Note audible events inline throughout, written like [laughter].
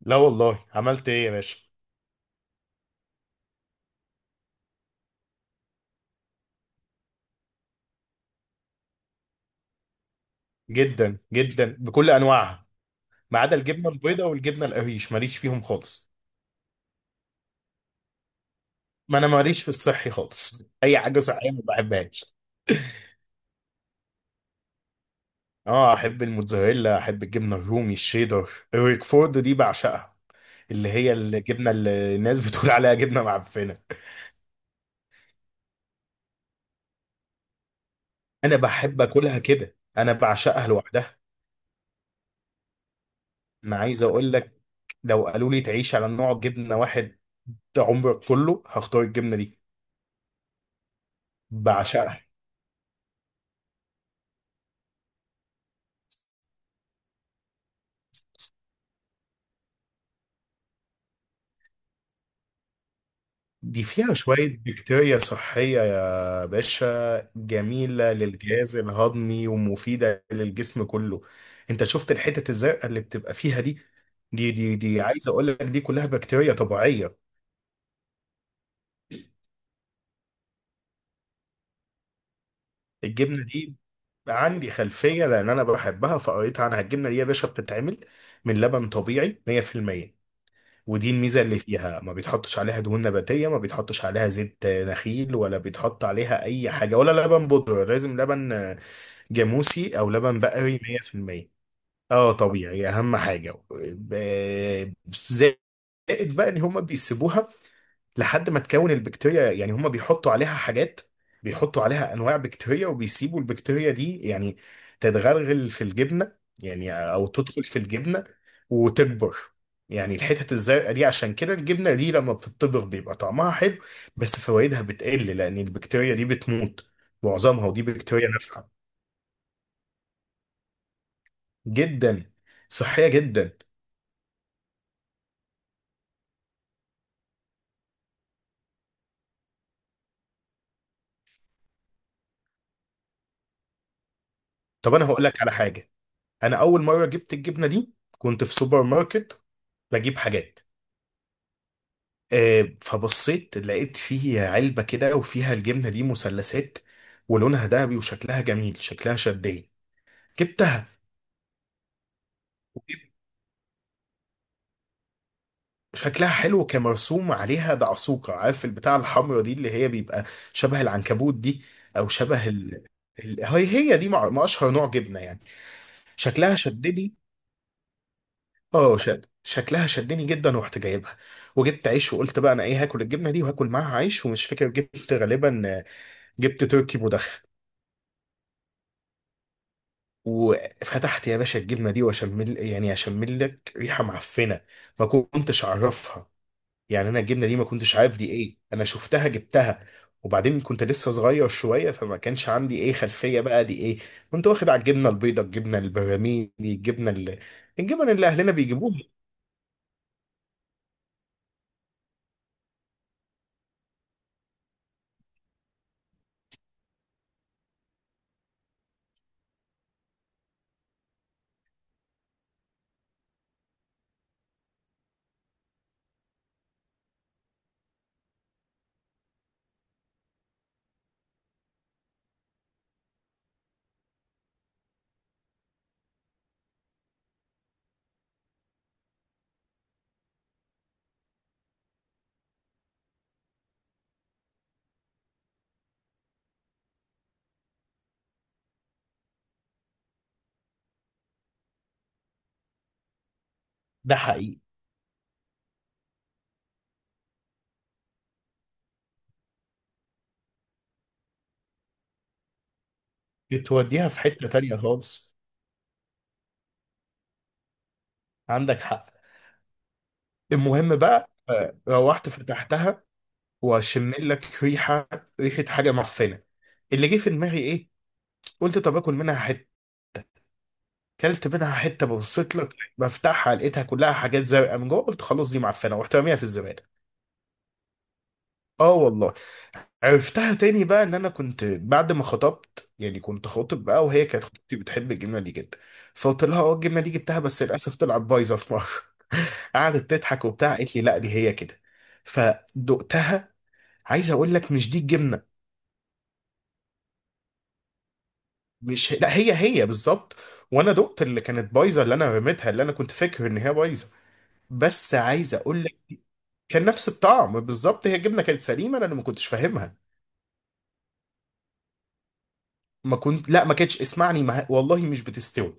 لا والله، عملت ايه يا باشا؟ جدا جدا، بكل انواعها. ما عدا الجبنه البيضاء والجبنه القريش ماليش فيهم خالص. ما انا ماليش في الصحي خالص. [laughs] اي حاجه صحيه ما بحبهاش. اه، احب الموتزاريلا، احب الجبنه الرومي، الشيدر، الريكفورد دي بعشقها، اللي هي الجبنه اللي الناس [laughs] بتقول عليها جبنه معفنه. انا بحب اكلها كده، انا بعشقها لوحدها. انا عايز اقول لك، لو قالوا لي تعيش على نوع جبنه واحد عمرك كله، هختار الجبنه دي. بعشقها. دي فيها شوية بكتيريا صحية يا باشا، جميلة للجهاز الهضمي ومفيدة للجسم كله. انت شفت الحتت الزرقاء اللي بتبقى فيها دي؟ دي، عايز اقول لك، دي كلها بكتيريا طبيعية. الجبنة دي عندي خلفية، لان انا بحبها فقريت عنها. الجبنة دي يا باشا بتتعمل من لبن طبيعي 100%، ودي الميزة اللي فيها، ما بيتحطش عليها دهون نباتية، ما بيتحطش عليها زيت نخيل، ولا بيتحط عليها اي حاجة ولا لبن بودرة، لازم لبن جاموسي او لبن بقري 100%. اه، طبيعي، اهم حاجه زائد، بقى ان هما بيسيبوها لحد ما تكون البكتيريا، يعني هما بيحطوا عليها حاجات، بيحطوا عليها انواع بكتيريا، وبيسيبوا البكتيريا دي يعني تتغلغل في الجبنه، يعني او تدخل في الجبنه وتكبر. يعني الحتت الزرقاء دي، عشان كده الجبنه دي لما بتطبخ بيبقى طعمها حلو، بس فوائدها بتقل، لان البكتيريا دي بتموت معظمها، ودي بكتيريا نافعه جدا، صحية جدا. طب انا هقول لك على حاجة. انا اول مرة جبت الجبنة دي كنت في سوبر ماركت بجيب حاجات، فبصيت لقيت فيه علبة كده وفيها الجبنة دي مثلثات، ولونها ذهبي وشكلها جميل، شكلها شدني، جبتها. شكلها حلو، كمرسوم عليها دعسوقة، عارف البتاع الحمرا دي اللي هي بيبقى شبه العنكبوت دي، او شبه هي دي ما اشهر نوع جبنة يعني. شكلها شدني، اه، شكلها شدني جدا، ورحت جايبها. وجبت عيش، وقلت بقى انا ايه؟ هاكل الجبنه دي وهاكل معاها عيش. ومش فاكر، جبت غالبا، جبت تركي مدخن. وفتحت يا باشا الجبنه دي واشمل، يعني اشمل لك ريحه معفنه ما كنتش اعرفها. يعني انا الجبنه دي ما كنتش عارف دي ايه، انا شفتها جبتها، وبعدين كنت لسه صغير شويه، فما كانش عندي ايه خلفيه بقى دي ايه. كنت واخد على الجبنه البيضاء، الجبنه البراميلي، الجبنه اللي، الجبن اللي اهلنا بيجيبوها. ده حقيقي. توديها في حتة تانية خالص. عندك حق. المهم بقى، روحت فتحتها واشم لك ريحة، ريحة حاجة معفنة. اللي جه في دماغي ايه؟ قلت طب اكل منها حتة. كلت منها حتة، ببصيت لك بفتحها، لقيتها كلها حاجات زرقاء من جوه. قلت خلاص، دي معفنة، ورحت راميها في الزبالة. اه والله. عرفتها تاني بقى، ان انا كنت بعد ما خطبت، يعني كنت خاطب بقى، وهي كانت خطيبتي بتحب الجبنة دي جدا، فقلت لها اه الجبنة دي جبتها بس للأسف طلعت بايظة في مرة. قعدت تضحك وبتاع، قالت لي لا، دي هي كده. فدقتها. عايز اقول لك، مش دي الجبنه، مش لا، هي بالظبط. وانا دقت اللي كانت بايظه، اللي انا رميتها، اللي انا كنت فاكر ان هي بايظه، بس عايز اقول لك، كان نفس الطعم بالظبط. هي الجبنه كانت سليمه، انا اللي ما كنتش فاهمها. ما كنت لا، ما كانتش، اسمعني، ما... والله مش بتستوي.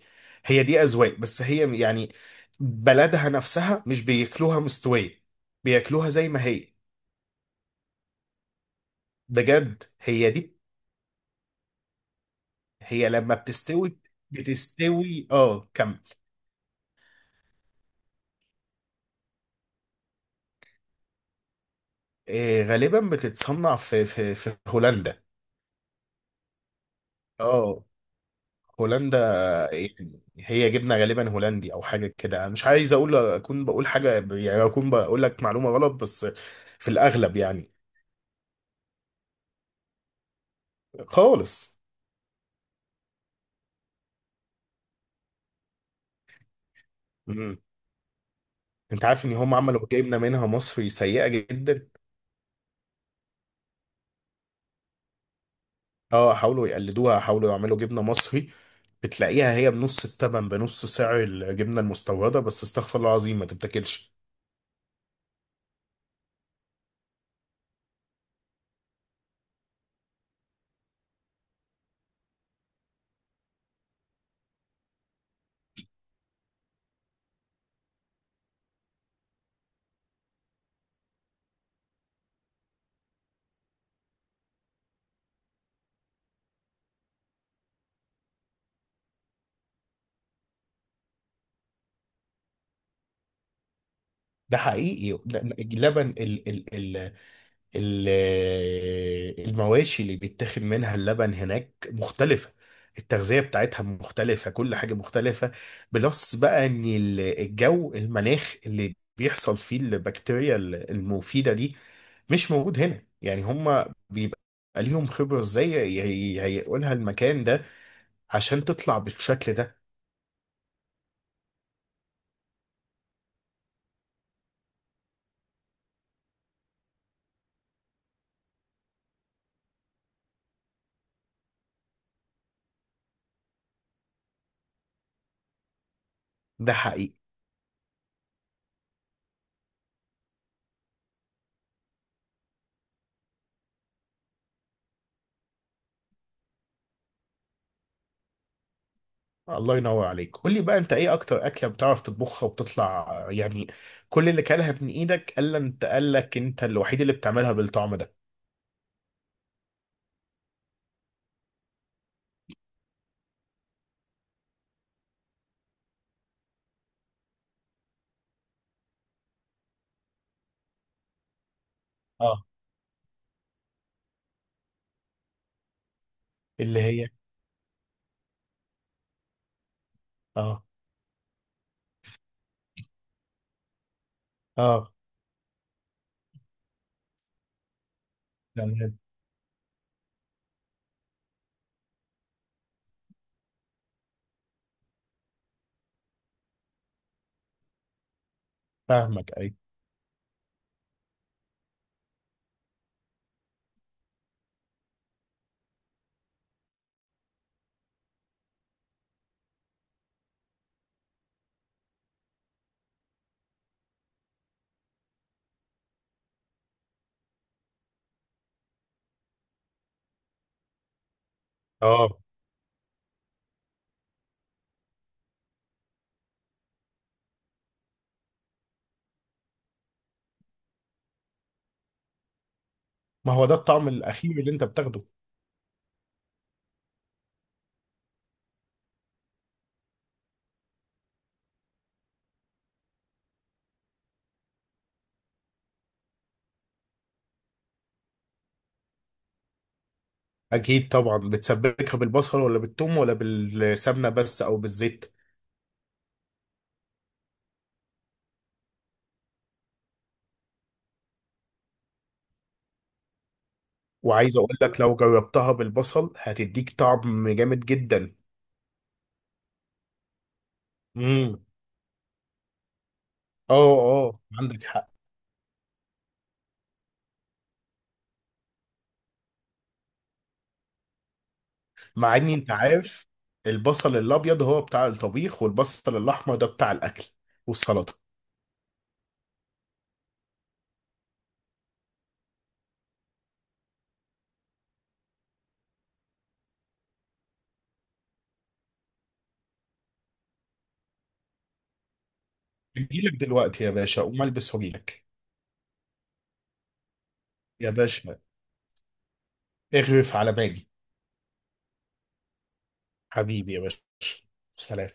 هي دي اذواق بس، هي يعني بلدها نفسها مش بياكلوها مستويه، بياكلوها زي ما هي. بجد هي دي. هي لما بتستوي كم. غالبا بتتصنع في هولندا. اه، هولندا. يعني هي جبنه غالبا هولندي او حاجه كده، مش عايز اقول، اكون بقول حاجه، يعني اكون بقول لك معلومه غلط، بس في الاغلب يعني. خالص. مم. انت عارف ان هم عملوا جبنه منها مصري سيئه جدا؟ اه، حاولوا يقلدوها، حاولوا يعملوا جبنه مصري، بتلاقيها هي بنص التمن، بنص سعر الجبنه المستورده، بس استغفر الله العظيم ما تتاكلش. ده حقيقي. لا، اللبن ال ال ال ال المواشي اللي بيتاخد منها اللبن هناك مختلفة، التغذية بتاعتها مختلفة، كل حاجة مختلفة. بلس بقى ان الجو، المناخ اللي بيحصل فيه البكتيريا المفيدة دي مش موجود هنا. يعني هما بيبقى ليهم خبرة ازاي، هيقولها المكان ده، عشان تطلع بالشكل ده. ده حقيقي. الله ينور عليك. قول لي بقى، انت ايه اكتر اكله بتعرف تطبخها وبتطلع يعني كل اللي كلها من ايدك، الا انت قال لك انت الوحيد اللي بتعملها بالطعم ده؟ اه. اللي هي. اه، اه. تمام. فاهمك اي. اه. ما هو ده الطعم الاخير اللي انت بتاخده. اكيد طبعا. بتسبكها بالبصل ولا بالثوم ولا بالسمنه بس، او بالزيت؟ وعايز اقول لك، لو جربتها بالبصل هتديك طعم جامد جدا. امم اه، اه، عندك حق. مع اني انت عارف، البصل الابيض هو بتاع الطبيخ، والبصل الاحمر ده بتاع الاكل والسلطه. اجيلك دلوقتي يا باشا، اقوم البس واجيلك. يا باشا، اغرف على باجي. حبيبي يا باشا، سلام.